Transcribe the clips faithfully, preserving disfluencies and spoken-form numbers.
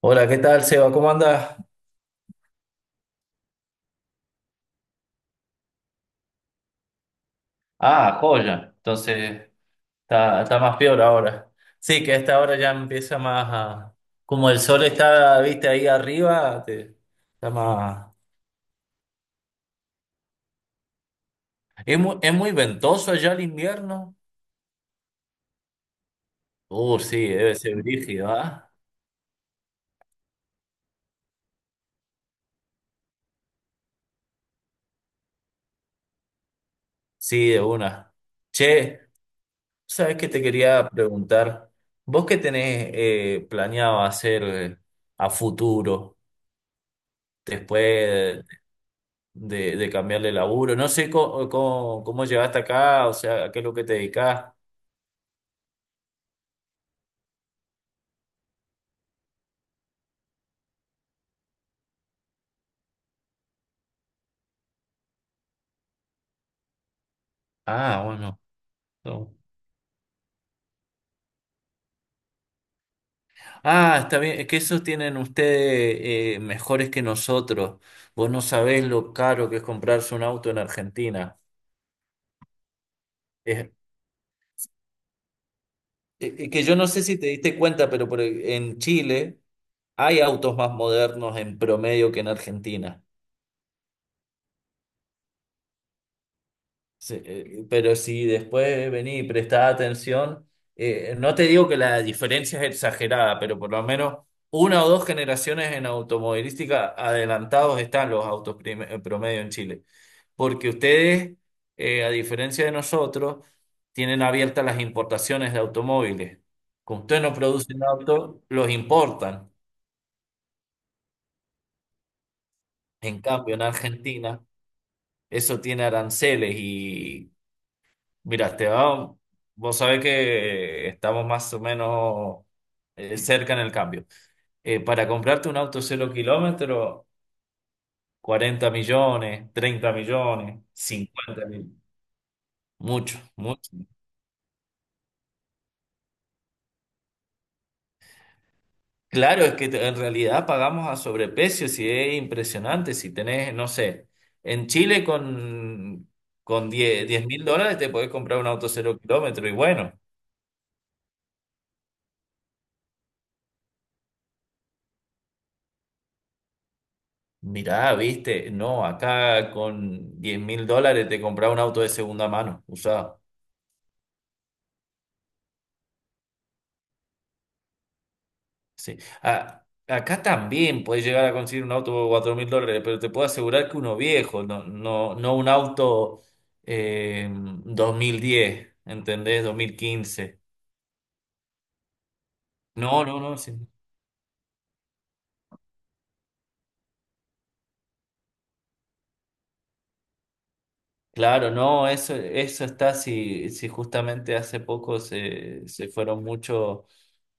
Hola, ¿qué tal, Seba? ¿Cómo andas? Ah, joya. Entonces, está, está más peor ahora. Sí, que a esta hora ya empieza más a. Como el sol está, viste, ahí arriba, te- está más. ¿Es muy, es muy ventoso allá el invierno? Uh, sí, debe ser brígido, ¿ah? Sí, de una. Che, ¿sabes qué te quería preguntar? ¿Vos qué tenés eh, planeado hacer eh, a futuro? Después de, de cambiar de laburo. No sé cómo, cómo, cómo llegaste acá, o sea, a qué es lo que te dedicás. Ah, bueno. No. Ah, está bien, es que esos tienen ustedes eh, mejores que nosotros. Vos no sabés lo caro que es comprarse un auto en Argentina. Es, es es que yo no sé si te diste cuenta, pero por, e, en Chile hay autos más modernos en promedio que en Argentina. Sí, eh, eh, pero si después venís y prestás atención, eh, no te digo que la diferencia es exagerada, pero por lo menos una o dos generaciones en automovilística adelantados están los autos prim- eh, promedio en Chile. Porque ustedes, eh, a diferencia de nosotros, tienen abiertas las importaciones de automóviles. Como ustedes no producen autos, los importan. En cambio, en Argentina, eso tiene aranceles. Mira, Esteban, vos sabés que eh, estamos más o menos eh, cerca en el cambio. Eh, para comprarte un auto cero kilómetro, cuarenta millones, treinta millones, cincuenta, mil. Mucho, mucho. Claro, es que te- en realidad pagamos a sobreprecio, si es impresionante, si tenés, no sé, en Chile con, con diez mil dólares te podés comprar un auto cero kilómetro y bueno. Mirá, viste, no, acá con diez mil dólares te compraba un auto de segunda mano, usado. Sí. A- acá también puedes llegar a conseguir un auto por cuatro mil dólares, pero te puedo asegurar que uno viejo, no, no, no un auto eh, dos mil diez, ¿entendés? Dos mil quince. No, no, no, sí. Claro, no, eso, eso está, si, si justamente hace poco se, se fueron muchos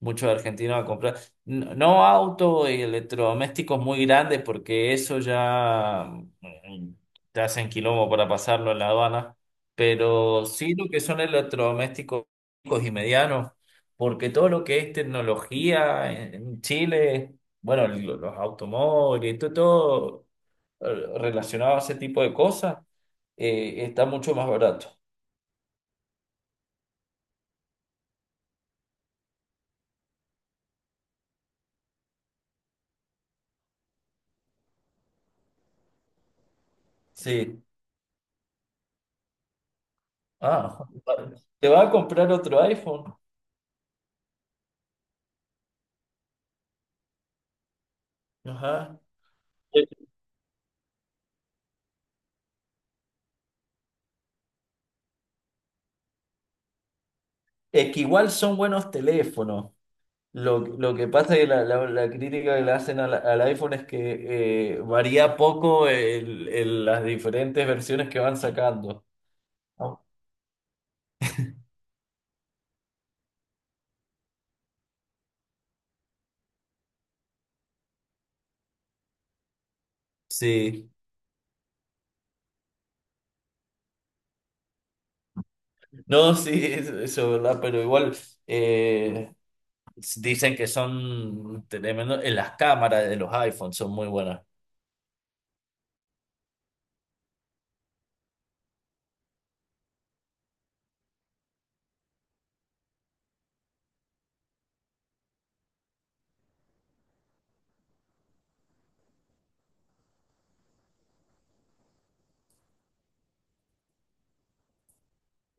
muchos argentinos a comprar. No, no autos y electrodomésticos muy grandes, porque eso ya mm, te hacen quilombo para pasarlo en la aduana. Pero sí lo que son electrodomésticos chicos y medianos, porque todo lo que es tecnología en, en Chile, bueno, lo- los automóviles, todo, todo eh, relacionado a ese tipo de cosas eh, está mucho más barato. Sí. Ah, te vas a comprar otro iPhone. Ajá. Eh, Es que igual son buenos teléfonos. Lo, lo que pasa es que la, la- la crítica que le hacen al, al iPhone es que eh, varía poco el- el- las diferentes versiones que van sacando. ¿No? Sí, no, sí, es- eso es verdad, pero igual eh, dicen que son tremendo, en las cámaras de los iPhones son muy buenas.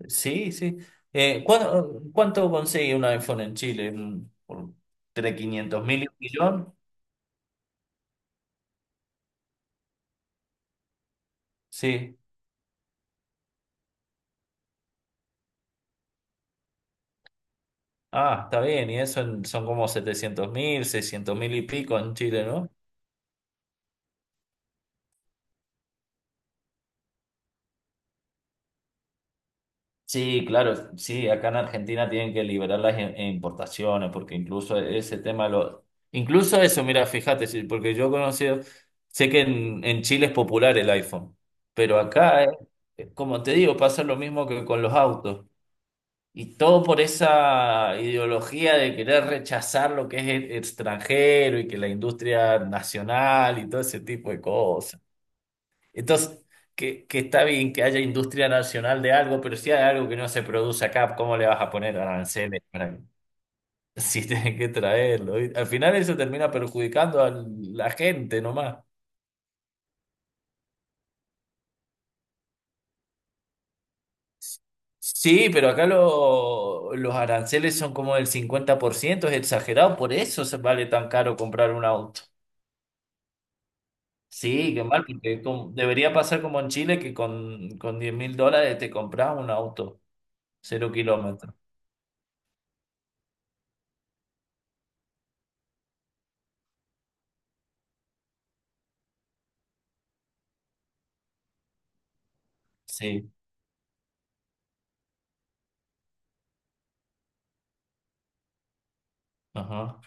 Sí, sí. Eh, ¿cuánto, cuánto consigue un iPhone en Chile? Mm, ¿Por tres mil quinientos mil y un millón? Sí. Ah, está bien. Y eso en- son como setecientos mil, seiscientos mil y pico en Chile, ¿no? Sí, claro. Sí, acá en Argentina tienen que liberar las im- importaciones porque incluso ese tema lo. Incluso eso, mira, fíjate, sí, porque yo he conocido, sé que en, en Chile es popular el iPhone, pero acá, eh, como te digo, pasa lo mismo que con los autos. Y todo por esa ideología de querer rechazar lo que es e- extranjero y que la industria nacional y todo ese tipo de cosas. Entonces, que, que está bien que haya industria nacional de algo, pero si hay algo que no se produce acá, ¿cómo le vas a poner aranceles para si tienen que traerlo? Y al final eso termina perjudicando a la gente nomás. Sí, pero acá lo- los aranceles son como del cincuenta por ciento, es exagerado, por eso se vale tan caro comprar un auto. Sí, qué mal, porque como- debería pasar como en Chile que con, con diez mil dólares te compras un auto, cero kilómetros. Sí, ajá.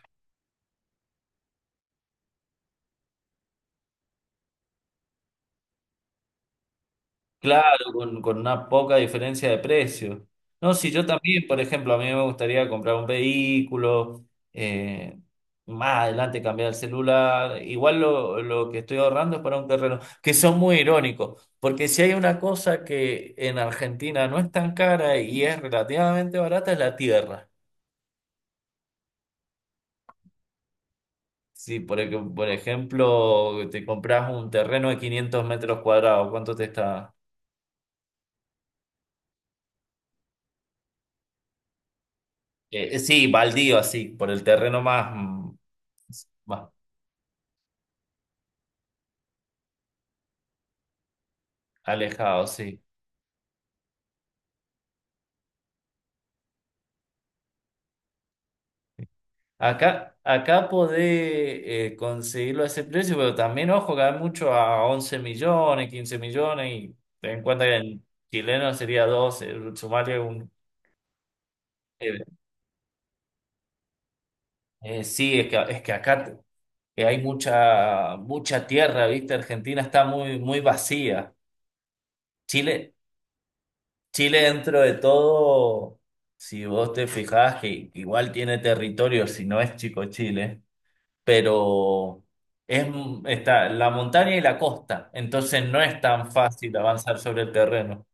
Claro, con, con una poca diferencia de precio. No, si yo también, por ejemplo, a mí me gustaría comprar un vehículo, eh, más adelante cambiar el celular. Igual lo, lo que estoy ahorrando es para un terreno, que son muy irónicos, porque si hay una cosa que en Argentina no es tan cara y es relativamente barata, es la tierra. Sí, por, ej- por ejemplo, te compras un terreno de quinientos metros cuadrados, ¿cuánto te está? Eh, eh, sí, baldío, así, por el terreno más, mm, más alejado, sí. Acá, acá podés eh, conseguirlo a ese precio, pero también, ojo, que hay mucho a once millones, quince millones, y ten en cuenta que en chileno sería doce, sumarle un. eh, eh, sí, es que, es que, acá te- que hay mucha, mucha tierra, ¿viste? Argentina está muy, muy vacía. Chile, Chile dentro de todo, si vos te fijás que igual tiene territorio, si no es chico Chile, pero es, está la montaña y la costa, entonces no es tan fácil avanzar sobre el terreno.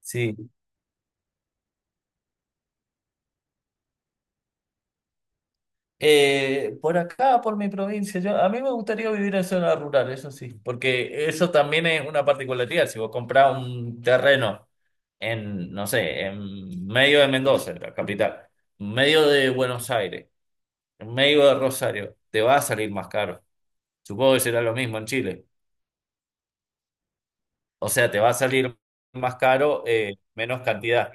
Sí. Eh, por acá, por mi provincia, yo, a mí me gustaría vivir en zona rural, eso sí, porque eso también es una particularidad. Si vos comprás un terreno en, no sé, en medio de Mendoza, la capital, medio de Buenos Aires. En medio de Rosario, te va a salir más caro. Supongo que será lo mismo en Chile. O sea, te va a salir más caro, eh, menos cantidad.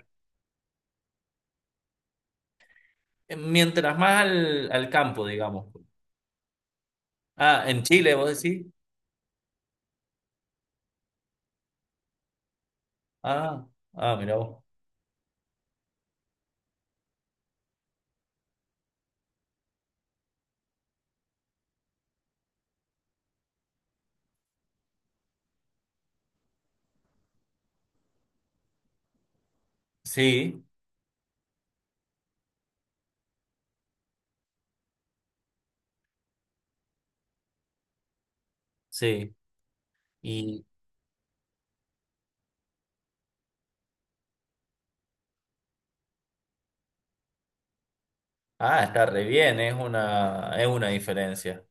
Eh, Mientras más al, al campo, digamos. Ah, en Chile, vos decís. Ah, ah, mira vos. Sí, sí. Y, ah, está re bien, es una, es una diferencia.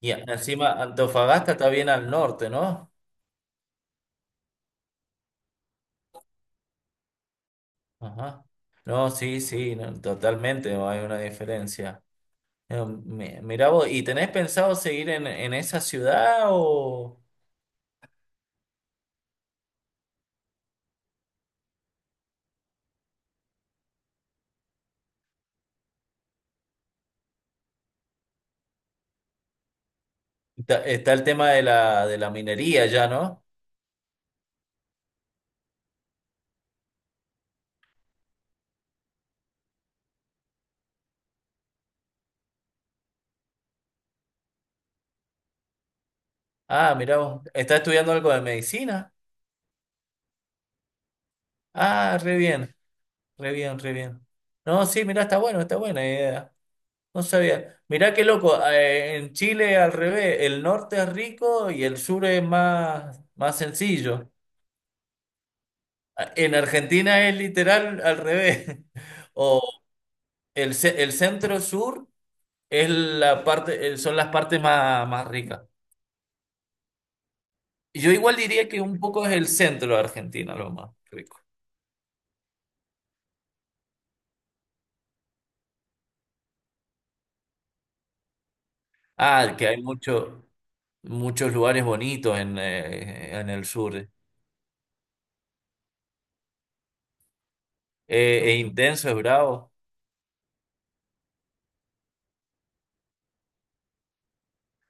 Y encima, Antofagasta está bien al norte, ¿no? Ajá. No, sí, sí, no, totalmente, no hay una diferencia. Eh, mi- Mira vos, ¿y tenés pensado seguir en, en esa ciudad o está, está el tema de la, de la minería ya, ¿no? Ah, mira vos, ¿estás estudiando algo de medicina? Ah, re bien, re bien, re bien. No, sí, mira, está bueno, está buena idea. No sabía. Mirá qué loco, ah, eh, en Chile al revés, el norte es rico y el sur es más, más sencillo. Ah, en Argentina es literal al revés. O el, ce- el centro sur. Es la parte, eh, son las partes más, más ricas. Yo igual diría que un poco es el centro de Argentina lo más rico. Ah, que hay mucho, muchos lugares bonitos en, eh, en el sur. Eh, es intenso, es bravo.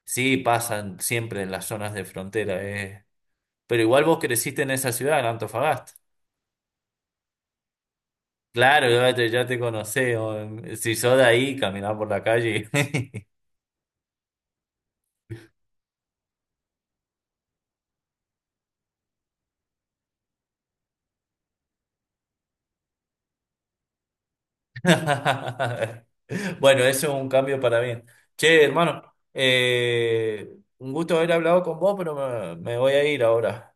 Sí, pasan siempre en las zonas de frontera. eh. Pero igual vos creciste en esa ciudad, en Antofagasta. Claro, ya te, ya te conocí. o, Si sos de ahí, caminás por la calle. Bueno, eso es un cambio para bien. Che, hermano, eh, un gusto haber hablado con vos, pero me, me voy a ir ahora.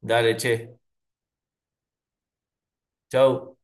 Dale, che. Chau.